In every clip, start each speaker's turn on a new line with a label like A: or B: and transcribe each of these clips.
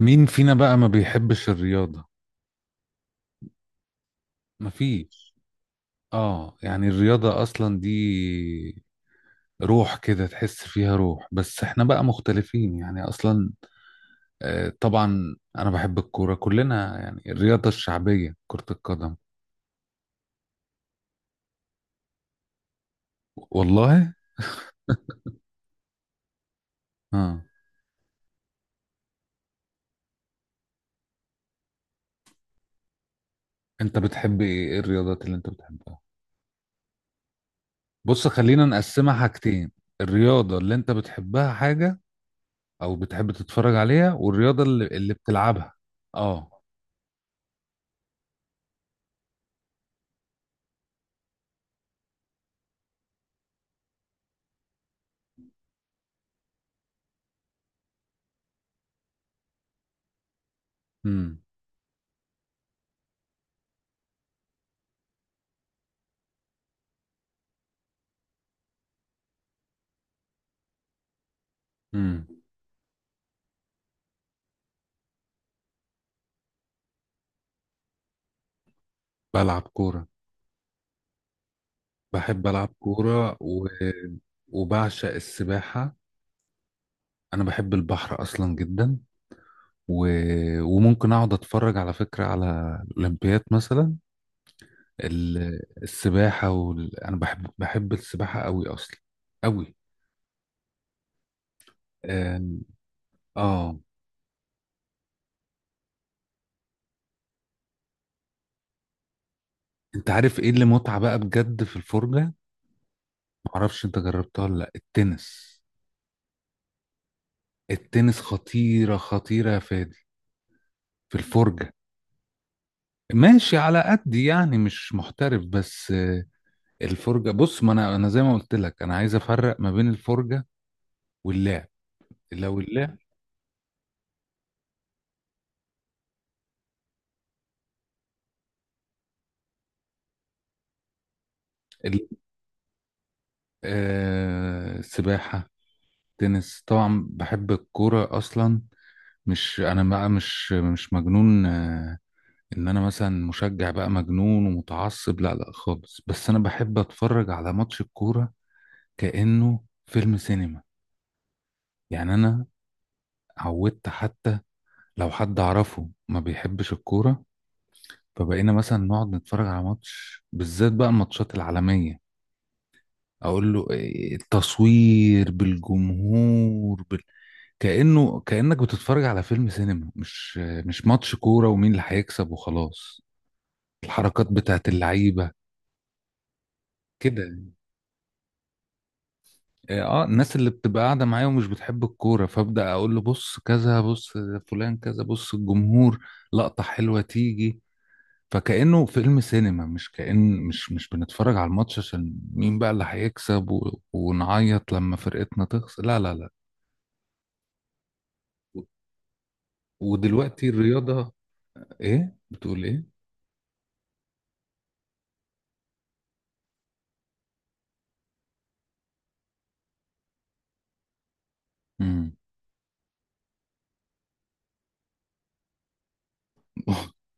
A: مين فينا بقى ما بيحبش الرياضة؟ مفيش. اه يعني الرياضة اصلا دي روح، كده تحس فيها روح، بس احنا بقى مختلفين يعني اصلا. آه طبعا انا بحب الكورة، كلنا يعني، الرياضة الشعبية كرة القدم. والله. اه. انت بتحب ايه؟ إيه الرياضات اللي انت بتحبها؟ بص خلينا نقسمها حاجتين: الرياضة اللي انت بتحبها حاجة، او بتحب تتفرج عليها، والرياضة اللي بتلعبها. اه. امم امم. بلعب كورة. بحب ألعب كورة و... وبعشق السباحة. أنا بحب البحر أصلا جدا و... وممكن أقعد أتفرج على فكرة على الأولمبياد مثلا. ال... السباحة وال... أنا بحب السباحة أوي أصلا، أوي. آم، آه. أنت عارف إيه اللي متعة بقى بجد في الفرجة؟ معرفش أنت جربتها ولا لأ، التنس. التنس خطيرة، خطيرة يا فادي، في الفرجة. ماشي على قد يعني، مش محترف. بس الفرجة بص، ما انا زي ما قلت لك، انا عايز افرق ما بين الفرجة واللعب. لو اللعب ال-. آه السباحة، تنس، طبعا بحب الكورة اصلا. مش انا بقى مش مجنون. ان انا مثلا مشجع بقى مجنون ومتعصب، لا لا خالص، بس انا بحب اتفرج على ماتش الكورة كأنه فيلم سينما. يعني انا عودت حتى، لو حد اعرفه ما بيحبش الكورة فبقينا مثلا نقعد نتفرج على ماتش، بالذات بقى الماتشات العالمية، اقول له التصوير، بالجمهور، بال... كأنه، كأنك بتتفرج على فيلم سينما، مش ماتش كورة ومين اللي هيكسب وخلاص. الحركات بتاعت اللعيبة كده يعني. اه، الناس اللي بتبقى قاعدة معايا ومش بتحب الكورة فأبدأ اقول له: بص كذا، بص فلان كذا، بص الجمهور، لقطة حلوة تيجي. فكأنه فيلم سينما، مش كأن مش مش بنتفرج على الماتش عشان مين بقى اللي هيكسب و... ونعيط لما فرقتنا تخسر، لا لا لا. ودلوقتي الرياضة، ايه بتقول ايه؟ امم.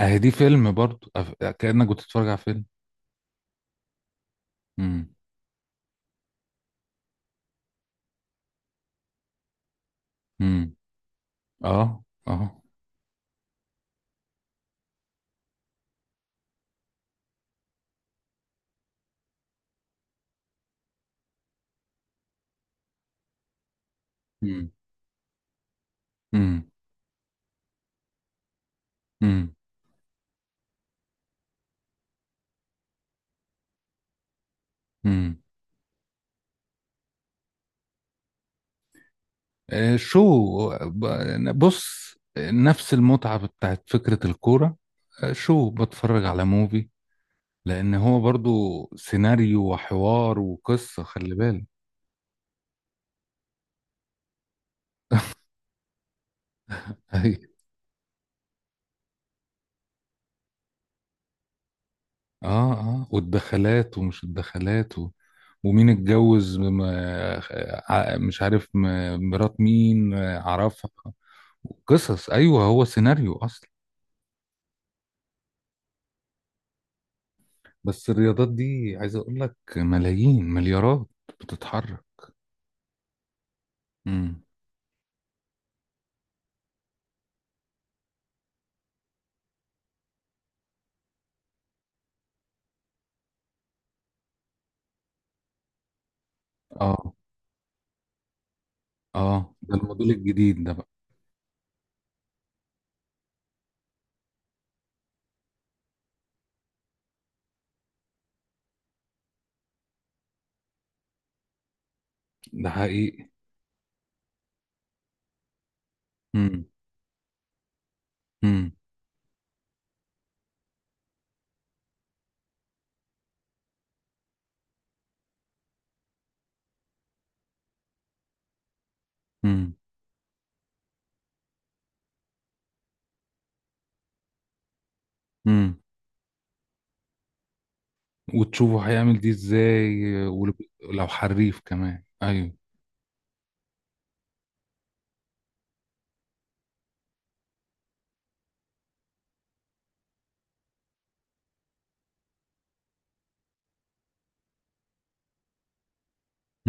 A: اهي دي فيلم برضو، كأنك بتتفرج على فيلم. امم. امم. اه اه. امم. امم. امم. امم. شو، بص نفس المتعة بتاعت فكرة الكورة. آه، شو، بتفرج على موفي. لأن هو برضو سيناريو وحوار وقصة، خلي بالك. اه اه، والدخلات ومش الدخلات و... ومين اتجوز مش عارف مرات مين آه، عرفها. قصص، ايوه، هو سيناريو اصلا. بس الرياضات دي عايز اقول لك ملايين مليارات بتتحرك. امم. اه اه، ده الموديل الجديد ده بقى. ده حقيقي. امم. امم. امم. امم. وتشوفوا هيعمل دي ازاي آه، ولو لو حريف كمان.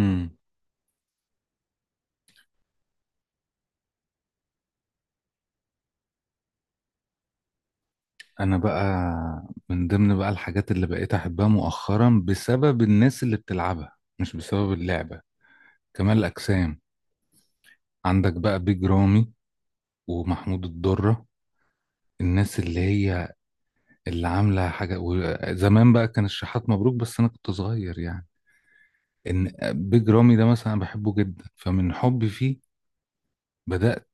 A: ايوه. انا بقى من ضمن بقى الحاجات اللي بقيت احبها مؤخرا بسبب الناس اللي بتلعبها مش بسبب اللعبة، كمال الاجسام. عندك بقى بيج رامي، ومحمود الضرة، الناس اللي هي اللي عاملة حاجة. وزمان بقى كان الشحات مبروك بس انا كنت صغير يعني. ان بيج رامي ده مثلا أنا بحبه جدا، فمن حبي فيه بدأت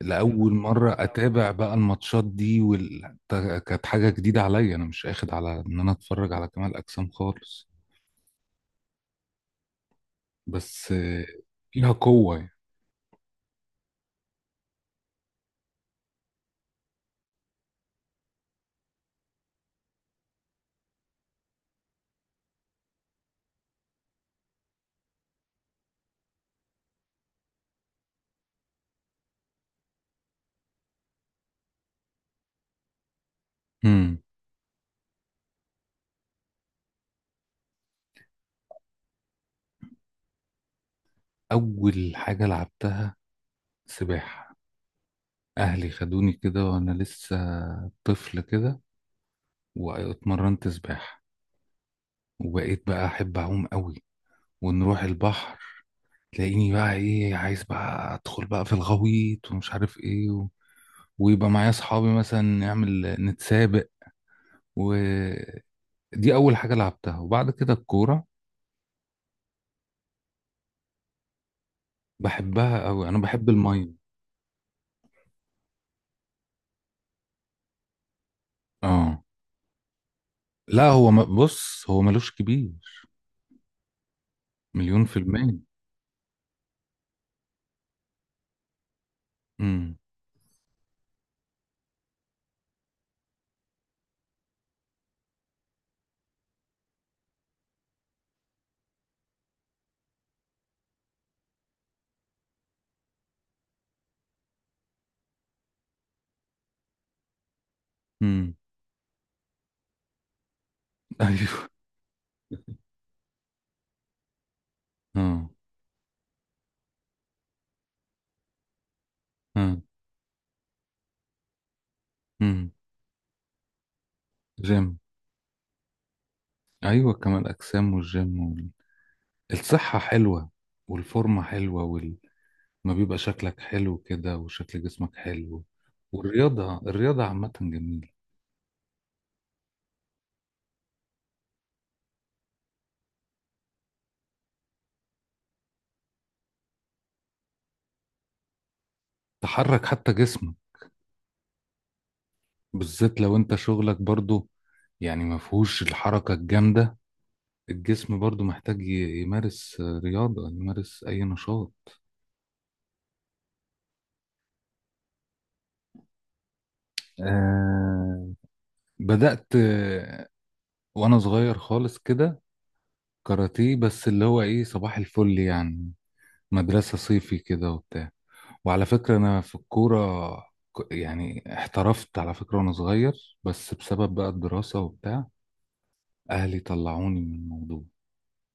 A: لأول مرة أتابع بقى الماتشات دي وال... كانت حاجة جديدة عليا، أنا مش أخد على إن أنا أتفرج على كمال أجسام خالص. بس آه، ليها قوة يعني. امم. أول حاجة لعبتها سباحة. أهلي خدوني كده وأنا لسه طفل كده، واتمرنت سباحة وبقيت بقى أحب أعوم قوي، ونروح البحر تلاقيني بقى إيه، عايز بقى أدخل بقى في الغويط ومش عارف إيه و... ويبقى معايا أصحابي مثلا نعمل نتسابق. ودي أول حاجة لعبتها، وبعد كده الكورة. بحبها قوي، أنا بحب المية. آه. لا هو بص هو ملوش كبير، مليون في المية. امم. امم. ايوه. اه اه. امم. جيم. ايوه، كمال اجسام والجيم وال... الصحة حلوة، والفورمة حلوة وال... ما بيبقى شكلك حلو كده وشكل جسمك حلو. الرياضة عامة جميلة. تحرك حتى جسمك، بالذات لو انت شغلك برضو يعني ما فيهوش الحركة الجامدة، الجسم برضو محتاج يمارس رياضة، يمارس أي نشاط. آه بدأت وانا صغير خالص كده كاراتيه، بس اللي هو ايه، صباح الفل يعني، مدرسة صيفي كده وبتاع. وعلى فكرة انا في الكورة يعني احترفت على فكرة وانا صغير، بس بسبب بقى الدراسة وبتاع اهلي طلعوني من الموضوع.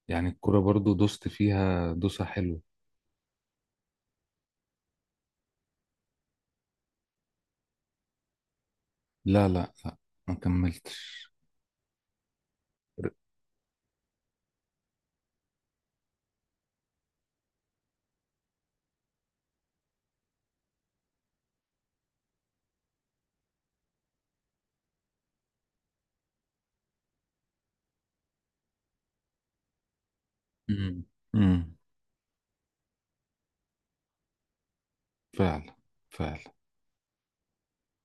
A: يعني الكورة برضو دوست فيها دوسة حلوة، لا لا لا ما كملتش. امم. امم. فعلا فعلا.